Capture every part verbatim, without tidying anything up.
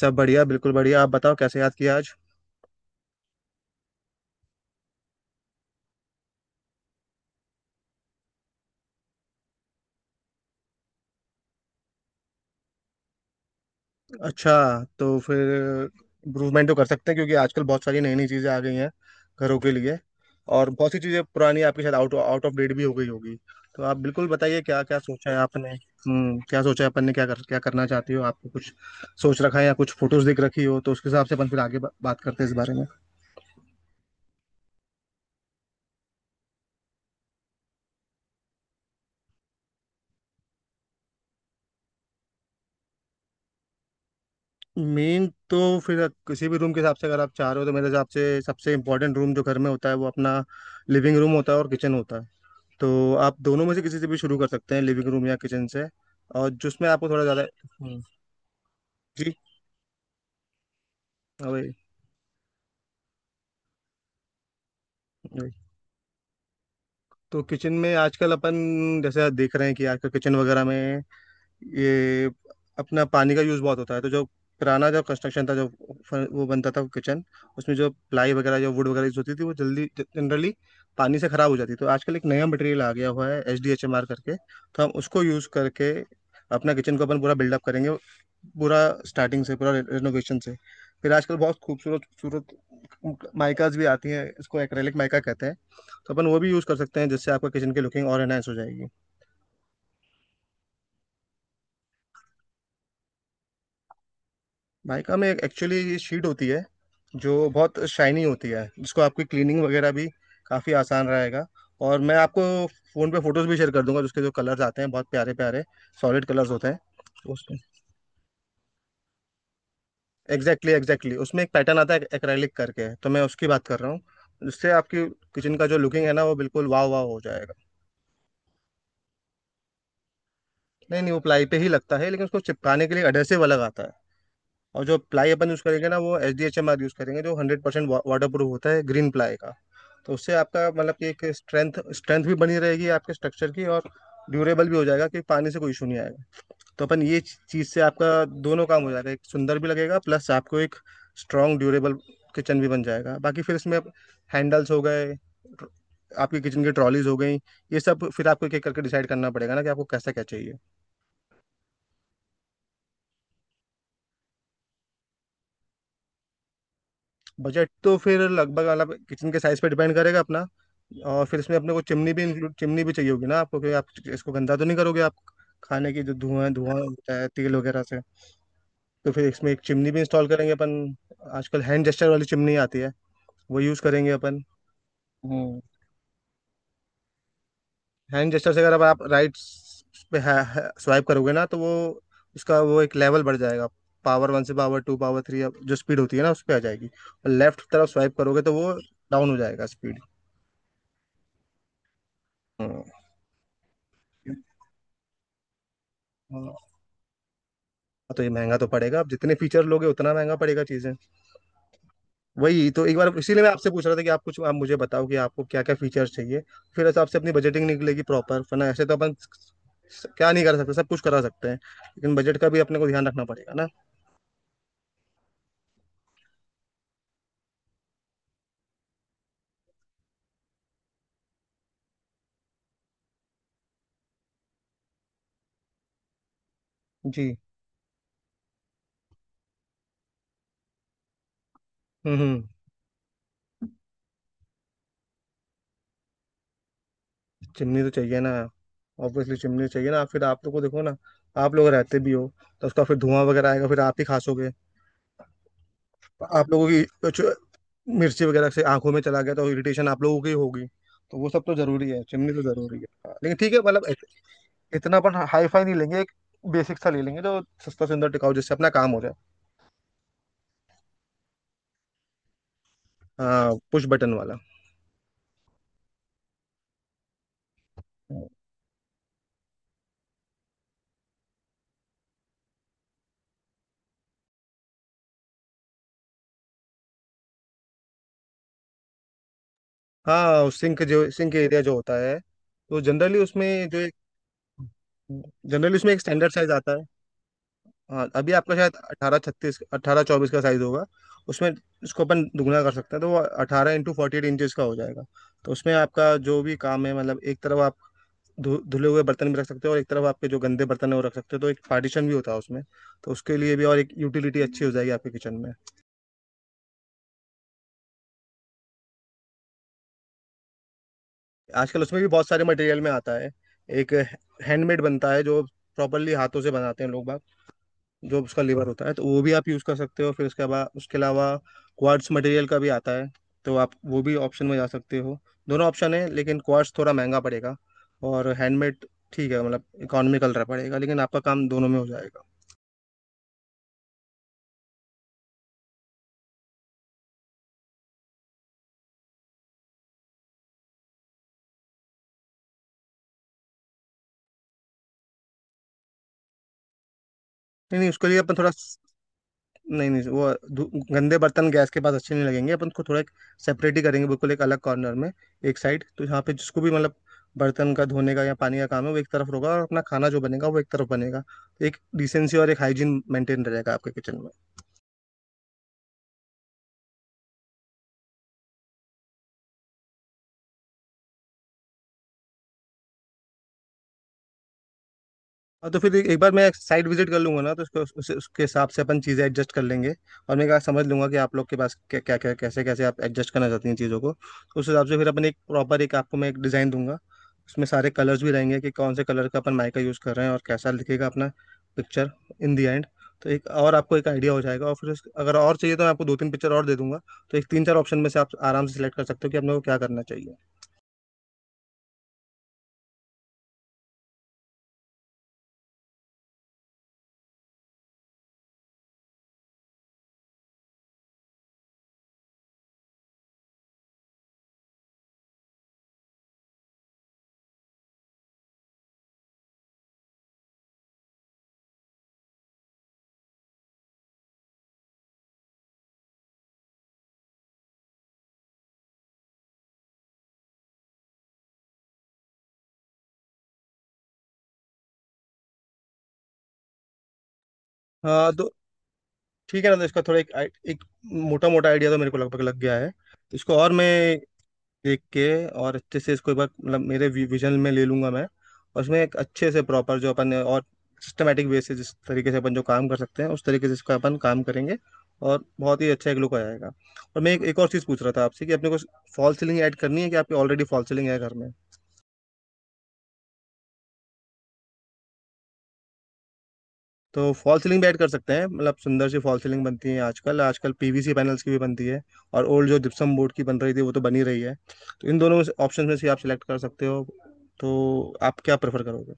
सब बढ़िया, बिल्कुल बढ़िया। आप बताओ, कैसे याद किया आज? अच्छा, तो फिर इम्प्रूवमेंट तो कर सकते हैं क्योंकि आजकल बहुत सारी नई नई चीज़ें आ गई हैं घरों के लिए। और बहुत सी चीज़ें पुरानी आपके साथ आउट आउट ऑफ डेट भी हो गई होगी। तो आप बिल्कुल बताइए क्या क्या सोचा है आपने। हम्म क्या सोचा है अपन ने? क्या कर क्या करना चाहती हो? आपको कुछ सोच रखा है या कुछ फोटोज दिख रखी हो तो उसके हिसाब से अपन फिर आगे बा, बात करते हैं इस बारे में। मेन तो फिर किसी भी रूम के हिसाब से अगर आप चाह रहे हो तो मेरे हिसाब से सबसे इंपॉर्टेंट रूम जो घर में होता है वो अपना लिविंग रूम होता है और किचन होता है। तो आप दोनों में से किसी से भी शुरू कर सकते हैं, लिविंग रूम या किचन से। और जिसमें आपको थोड़ा ज़्यादा हम्म, जी। हाँ, वही। वही। तो किचन में आजकल अपन जैसे देख रहे हैं कि आजकल किचन वगैरह में ये अपना पानी का यूज़ बहुत होता है, तो जो पुराना जो कंस्ट्रक्शन था जो फ- वो बनता था किचन, उसमें जो प्लाई वगैरह जो वुड वगैरह यूज होती थी वो जल्दी जनरली पानी से ख़राब हो जाती। तो आजकल एक नया मटेरियल आ गया हुआ है H D H M R करके, तो हम उसको यूज़ करके अपना किचन को अपन पूरा बिल्डअप करेंगे। पूरा स्टार्टिंग से, पूरा रिनोवेशन से। फिर आजकल बहुत खूबसूरत खूबसूरत माइकाज भी आती हैं, इसको एक्रेलिक माइका कहते हैं। तो अपन वो भी यूज़ कर सकते हैं, जिससे आपका किचन की लुकिंग और एनहांस हो जाएगी। माइका में एक्चुअली ये शीट होती है, जो बहुत शाइनी होती है, जिसको आपकी क्लीनिंग वगैरह भी काफ़ी आसान रहेगा। और मैं आपको फ़ोन पे फोटोज़ भी शेयर कर दूंगा, जिसके जो कलर्स आते हैं बहुत प्यारे प्यारे सॉलिड कलर्स होते हैं उसमें। एग्जैक्टली एग्जैक्टली, उसमें एक पैटर्न आता है एक्रेलिक करके, तो मैं उसकी बात कर रहा हूँ, जिससे आपकी किचन का जो लुकिंग है ना वो बिल्कुल वाह वाह हो जाएगा। नहीं नहीं, वो प्लाई पे ही लगता है, लेकिन उसको चिपकाने के लिए एडहेसिव अलग आता है। और जो प्लाई अपन यूज़ करेंगे ना वो H D H M R use करेंगे, जो हंड्रेड परसेंट वाटर प्रूफ होता है, ग्रीन प्लाई का। तो उससे आपका मतलब कि एक स्ट्रेंथ स्ट्रेंथ भी बनी रहेगी आपके स्ट्रक्चर की। और ड्यूरेबल भी हो जाएगा कि पानी से कोई इशू नहीं आएगा। तो अपन ये चीज़ से आपका दोनों काम हो जाएगा, एक सुंदर भी लगेगा प्लस आपको एक स्ट्रॉन्ग ड्यूरेबल किचन भी बन जाएगा। बाकी फिर इसमें हैंडल्स हो गए, आपकी किचन की ट्रॉलीज हो गई, ये सब फिर आपको एक एक करके डिसाइड करना पड़ेगा ना, कि आपको कैसा क्या चाहिए। बजट तो फिर लगभग मतलब किचन के साइज पे डिपेंड करेगा अपना। और फिर इसमें अपने को चिमनी भी इंक्लूड, चिमनी भी चाहिए होगी ना आपको, क्योंकि आप इसको गंदा तो नहीं करोगे आप। खाने की जो धुआं धुआं होता है तेल वगैरह से। तो फिर इसमें एक चिमनी भी इंस्टॉल करेंगे अपन। आजकल हैंड जेस्टर वाली चिमनी आती है, वो यूज़ करेंगे अपन। हम्म हैंड जेस्टर से अगर आप राइट पे स्वाइप करोगे ना, तो वो उसका वो एक लेवल बढ़ जाएगा। पावर वन से पावर टू, पावर थ्री, जो स्पीड होती है ना उस पर आ जाएगी। और लेफ्ट तरफ स्वाइप करोगे तो वो डाउन हो जाएगा स्पीड। हाँ, तो ये महंगा तो पड़ेगा, आप जितने फीचर लोगे उतना महंगा पड़ेगा चीजें। वही तो एक बार इसीलिए मैं आपसे पूछ रहा था कि आप कुछ आप मुझे बताओ कि आपको क्या क्या फीचर्स चाहिए। फिर हिसाब से अपनी बजटिंग निकलेगी प्रॉपर, वरना ऐसे तो अपन स- क्या नहीं कर सकते, सब कुछ करा सकते हैं, लेकिन बजट का भी अपने को ध्यान रखना पड़ेगा ना। जी। हम्म, हम्म। चिमनी तो चाहिए ना। ऑब्वियसली चिमनी चाहिए ना, फिर आप लोग को देखो ना, आप लोग रहते भी हो। तो उसका फिर धुआं वगैरह आएगा, फिर आप ही खासोगे। आप लोगों की मिर्ची वगैरह से आंखों में चला गया तो इरिटेशन आप लोगों की होगी। तो वो सब तो जरूरी है, चिमनी तो जरूरी है, हाँ, लेकिन ठीक है मतलब इत- इतना अपन हाई फाई नहीं लेंगे, एक बेसिक सा ले लेंगे जो सस्ता सुंदर टिकाऊ, जिससे अपना काम हो जाए। हाँ, पुश बटन वाला। हाँ, सिंक, जो सिंक एरिया जो होता है, तो जनरली उसमें जो एक, जनरली उसमें एक स्टैंडर्ड साइज आता है। हाँ, अभी आपका शायद अठारह छत्तीस, अठारह चौबीस का साइज होगा। उसमें इसको अपन दुगना कर सकते हैं, तो वो अठारह इंटू फोर्टी एट इंचज का हो जाएगा। तो उसमें आपका जो भी काम है, मतलब एक तरफ आप धु, धुले हुए बर्तन भी रख सकते हो और एक तरफ आपके जो गंदे बर्तन है वो रख सकते हो, तो एक पार्टीशन भी होता है उसमें। तो उसके लिए भी और एक यूटिलिटी अच्छी हो जाएगी आपके किचन में। आजकल उसमें भी बहुत सारे मटेरियल में आता है। एक हैंडमेड बनता है, जो प्रॉपरली हाथों से बनाते हैं लोग बाग, जो उसका लेबर होता है, तो वो भी आप यूज़ कर सकते हो। फिर उसके बाद उसके अलावा क्वार्ट्स मटेरियल का भी आता है, तो आप वो भी ऑप्शन में जा सकते हो। दोनों ऑप्शन है, लेकिन क्वार्ट्स थोड़ा महंगा पड़ेगा और हैंडमेड ठीक है, मतलब इकोनॉमिकल रहा पड़ेगा, लेकिन आपका काम दोनों में हो जाएगा। नहीं नहीं, उसके लिए अपन थोड़ा, नहीं नहीं, वो धु- गंदे बर्तन गैस के पास अच्छे नहीं लगेंगे अपन को, थोड़ा एक सेपरेट ही करेंगे, बिल्कुल एक अलग कॉर्नर में। एक साइड तो यहाँ पे जिसको भी मतलब बर्तन का धोने का या पानी का काम है वो एक तरफ होगा, और अपना खाना जो बनेगा वो एक तरफ बनेगा। तो एक डिसेंसी और एक हाइजीन मेंटेन रहेगा आपके किचन में। हाँ, तो फिर एक बार मैं साइट विजिट कर लूंगा ना, तो उसके उस, उसके हिसाब से अपन चीज़ें एडजस्ट कर लेंगे। और मैं क्या समझ लूंगा कि आप लोग के पास क्या क्या क्या, कैसे कैसे आप एडजस्ट करना चाहती हैं चीज़ों को, तो उस हिसाब से फिर अपन एक प्रॉपर एक आपको मैं एक डिज़ाइन दूंगा। उसमें सारे कलर्स भी रहेंगे कि कौन से कलर का अपन माइका यूज़ कर रहे हैं और कैसा दिखेगा अपना पिक्चर इन दी एंड। तो एक और आपको एक आइडिया हो जाएगा, और फिर उस- अगर और चाहिए तो मैं आपको दो तीन पिक्चर और दे दूंगा। तो एक तीन चार ऑप्शन में से आप आराम से सिलेक्ट कर सकते हो कि आप लोगों को क्या करना चाहिए। हाँ, तो ठीक है ना, तो इसका थोड़ा एक, एक मोटा मोटा आइडिया तो मेरे को लगभग लग गया है। तो इसको और मैं देख के और अच्छे से इसको एक बार मतलब मेरे वि- विजन में ले लूंगा मैं। और उसमें एक अच्छे से प्रॉपर जो अपन और सिस्टमेटिक वे से जिस तरीके से अपन जो काम कर सकते हैं उस तरीके से इसका अपन काम करेंगे, और बहुत ही अच्छा एक लुक आ जाएगा। और मैं एक, एक और चीज़ पूछ रहा था आपसे, कि अपने को फॉल सीलिंग ऐड करनी है, कि आपकी ऑलरेडी फॉल सीलिंग है घर में? तो फॉल सीलिंग भी ऐड कर सकते हैं, मतलब सुंदर सी फॉल सीलिंग बनती है आजकल, आजकल पीवीसी पैनल्स की भी बनती है, और ओल्ड जो जिप्सम बोर्ड की बन रही थी वो तो बनी रही है। तो इन दोनों ऑप्शन में से आप सिलेक्ट कर सकते हो, तो आप क्या प्रेफर करोगे?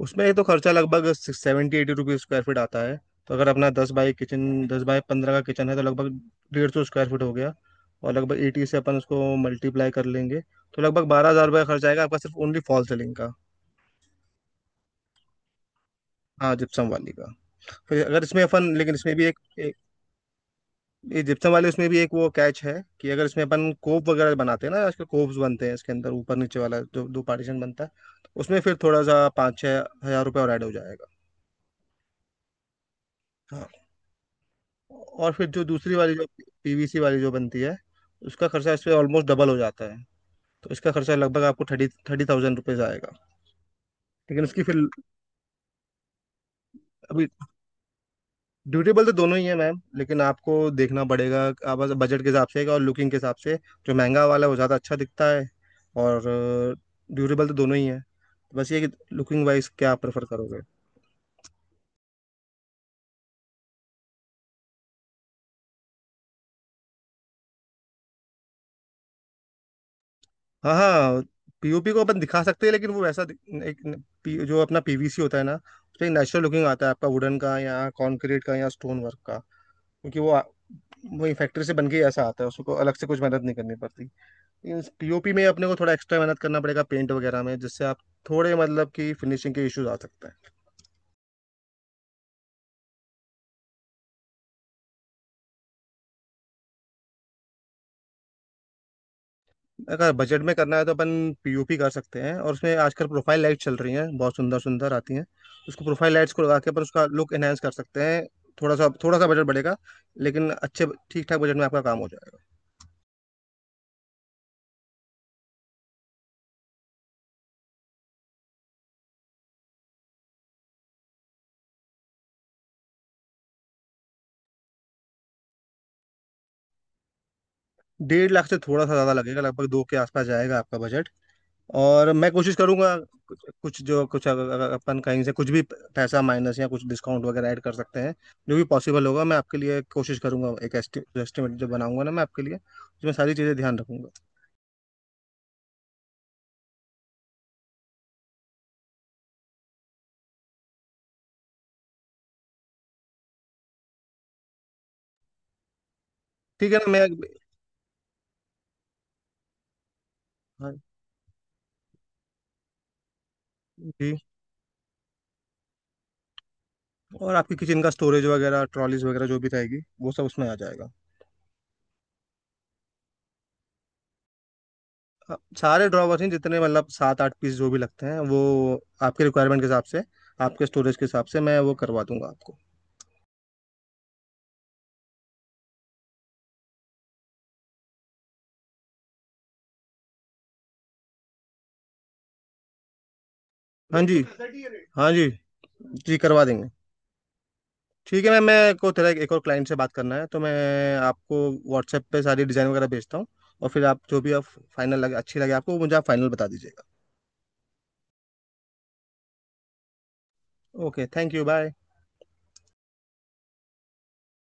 उसमें एक तो खर्चा लगभग seventy eighty rupees square feet आता है। तो अगर अपना दस बाई किचन, दस बाई पंद्रह का किचन है तो लगभग डेढ़ सौ स्क्वायर फीट हो गया, और लगभग एटी से अपन उसको मल्टीप्लाई कर लेंगे। तो लगभग बारह हजार रुपया खर्च आएगा आपका सिर्फ ओनली फॉल सीलिंग का। हाँ, जिप्सम वाली का। फिर अगर इसमें अपन, लेकिन इसमें भी एक, ये जिप्सम वाले उसमें भी एक वो कैच है, कि अगर इसमें अपन कोप वगैरह बनाते हैं ना, आजकल कोप्स बनते हैं इसके अंदर ऊपर नीचे वाला जो दो पार्टीशन बनता है उसमें, फिर थोड़ा सा पाँच छः हजार रुपये और ऐड हो जाएगा। हाँ। और फिर जो दूसरी वाली जो पीवीसी वाली जो बनती है, उसका खर्चा इस पे ऑलमोस्ट डबल हो जाता है। तो इसका खर्चा लगभग आपको थर्टी थर्टी थाउजेंड रुपीज़ आएगा। लेकिन उसकी फिर, अभी ड्यूरेबल तो दोनों ही है मैम, लेकिन आपको देखना पड़ेगा आप बस बजट के हिसाब से और लुकिंग के हिसाब से। जो महंगा वाला है वो ज़्यादा अच्छा दिखता है, और ड्यूरेबल तो दोनों ही है। बस ये कि लुकिंग वाइज क्या आप प्रेफर करोगे? हाँ हाँ, पीओपी को अपन दिखा सकते हैं, लेकिन वो वैसा दिख- एक न- पी- जो अपना पीवीसी होता है ना उसमें एक नेचुरल लुकिंग आता है आपका वुडन का या कॉन्क्रीट का या स्टोन वर्क का, क्योंकि वो आ- वही फैक्ट्री से बन के ही ऐसा आता है, उसको अलग से कुछ मेहनत नहीं करनी पड़ती। पीओपी में अपने को थोड़ा एक्स्ट्रा मेहनत करना पड़ेगा पेंट वगैरह में, जिससे आप थोड़े मतलब कि फिनिशिंग के इश्यूज आ सकते हैं। अगर बजट में करना है तो अपन पीओपी कर सकते हैं, और उसमें आजकल प्रोफाइल लाइट चल रही हैं, बहुत सुंदर सुंदर आती हैं, उसको प्रोफाइल लाइट्स को लगा के अपन उसका लुक एनहेंस कर सकते हैं। थोड़ा सा थोड़ा सा बजट बढ़ेगा, लेकिन अच्छे ठीक ठाक बजट में आपका काम हो जाएगा। डेढ़ लाख से थोड़ा सा ज़्यादा लगेगा, लगभग दो के आसपास जाएगा आपका बजट। और मैं कोशिश करूंगा कुछ कुछ जो कुछ, अगर अगर अपन कहीं से कुछ भी पैसा माइनस या कुछ डिस्काउंट वगैरह ऐड कर सकते हैं, जो भी पॉसिबल होगा मैं आपके लिए कोशिश करूंगा। एक एस्टिमेट जो बनाऊंगा ना मैं आपके लिए उसमें सारी चीज़ें ध्यान रखूंगा। ठीक है ना, मैं। हाँ जी। और आपकी किचन का स्टोरेज वगैरह, ट्रॉलीज वगैरह जो भी रहेगी वो सब उसमें आ जाएगा। हाँ, सारे ड्रॉवर्स हैं जितने, मतलब सात आठ पीस जो भी लगते हैं वो आपके रिक्वायरमेंट के हिसाब से, आपके स्टोरेज के हिसाब से मैं वो करवा दूंगा आपको। हाँ जी। हाँ जी। जी, करवा देंगे। ठीक है मैम, मैं को तेरा एक और क्लाइंट से बात करना है, तो मैं आपको व्हाट्सएप पे सारी डिज़ाइन वगैरह भेजता हूँ। और फिर आप जो भी आप फाइनल लगे, अच्छी लगे आपको, मुझे आप फाइनल बता दीजिएगा। Okay, thank you, bye.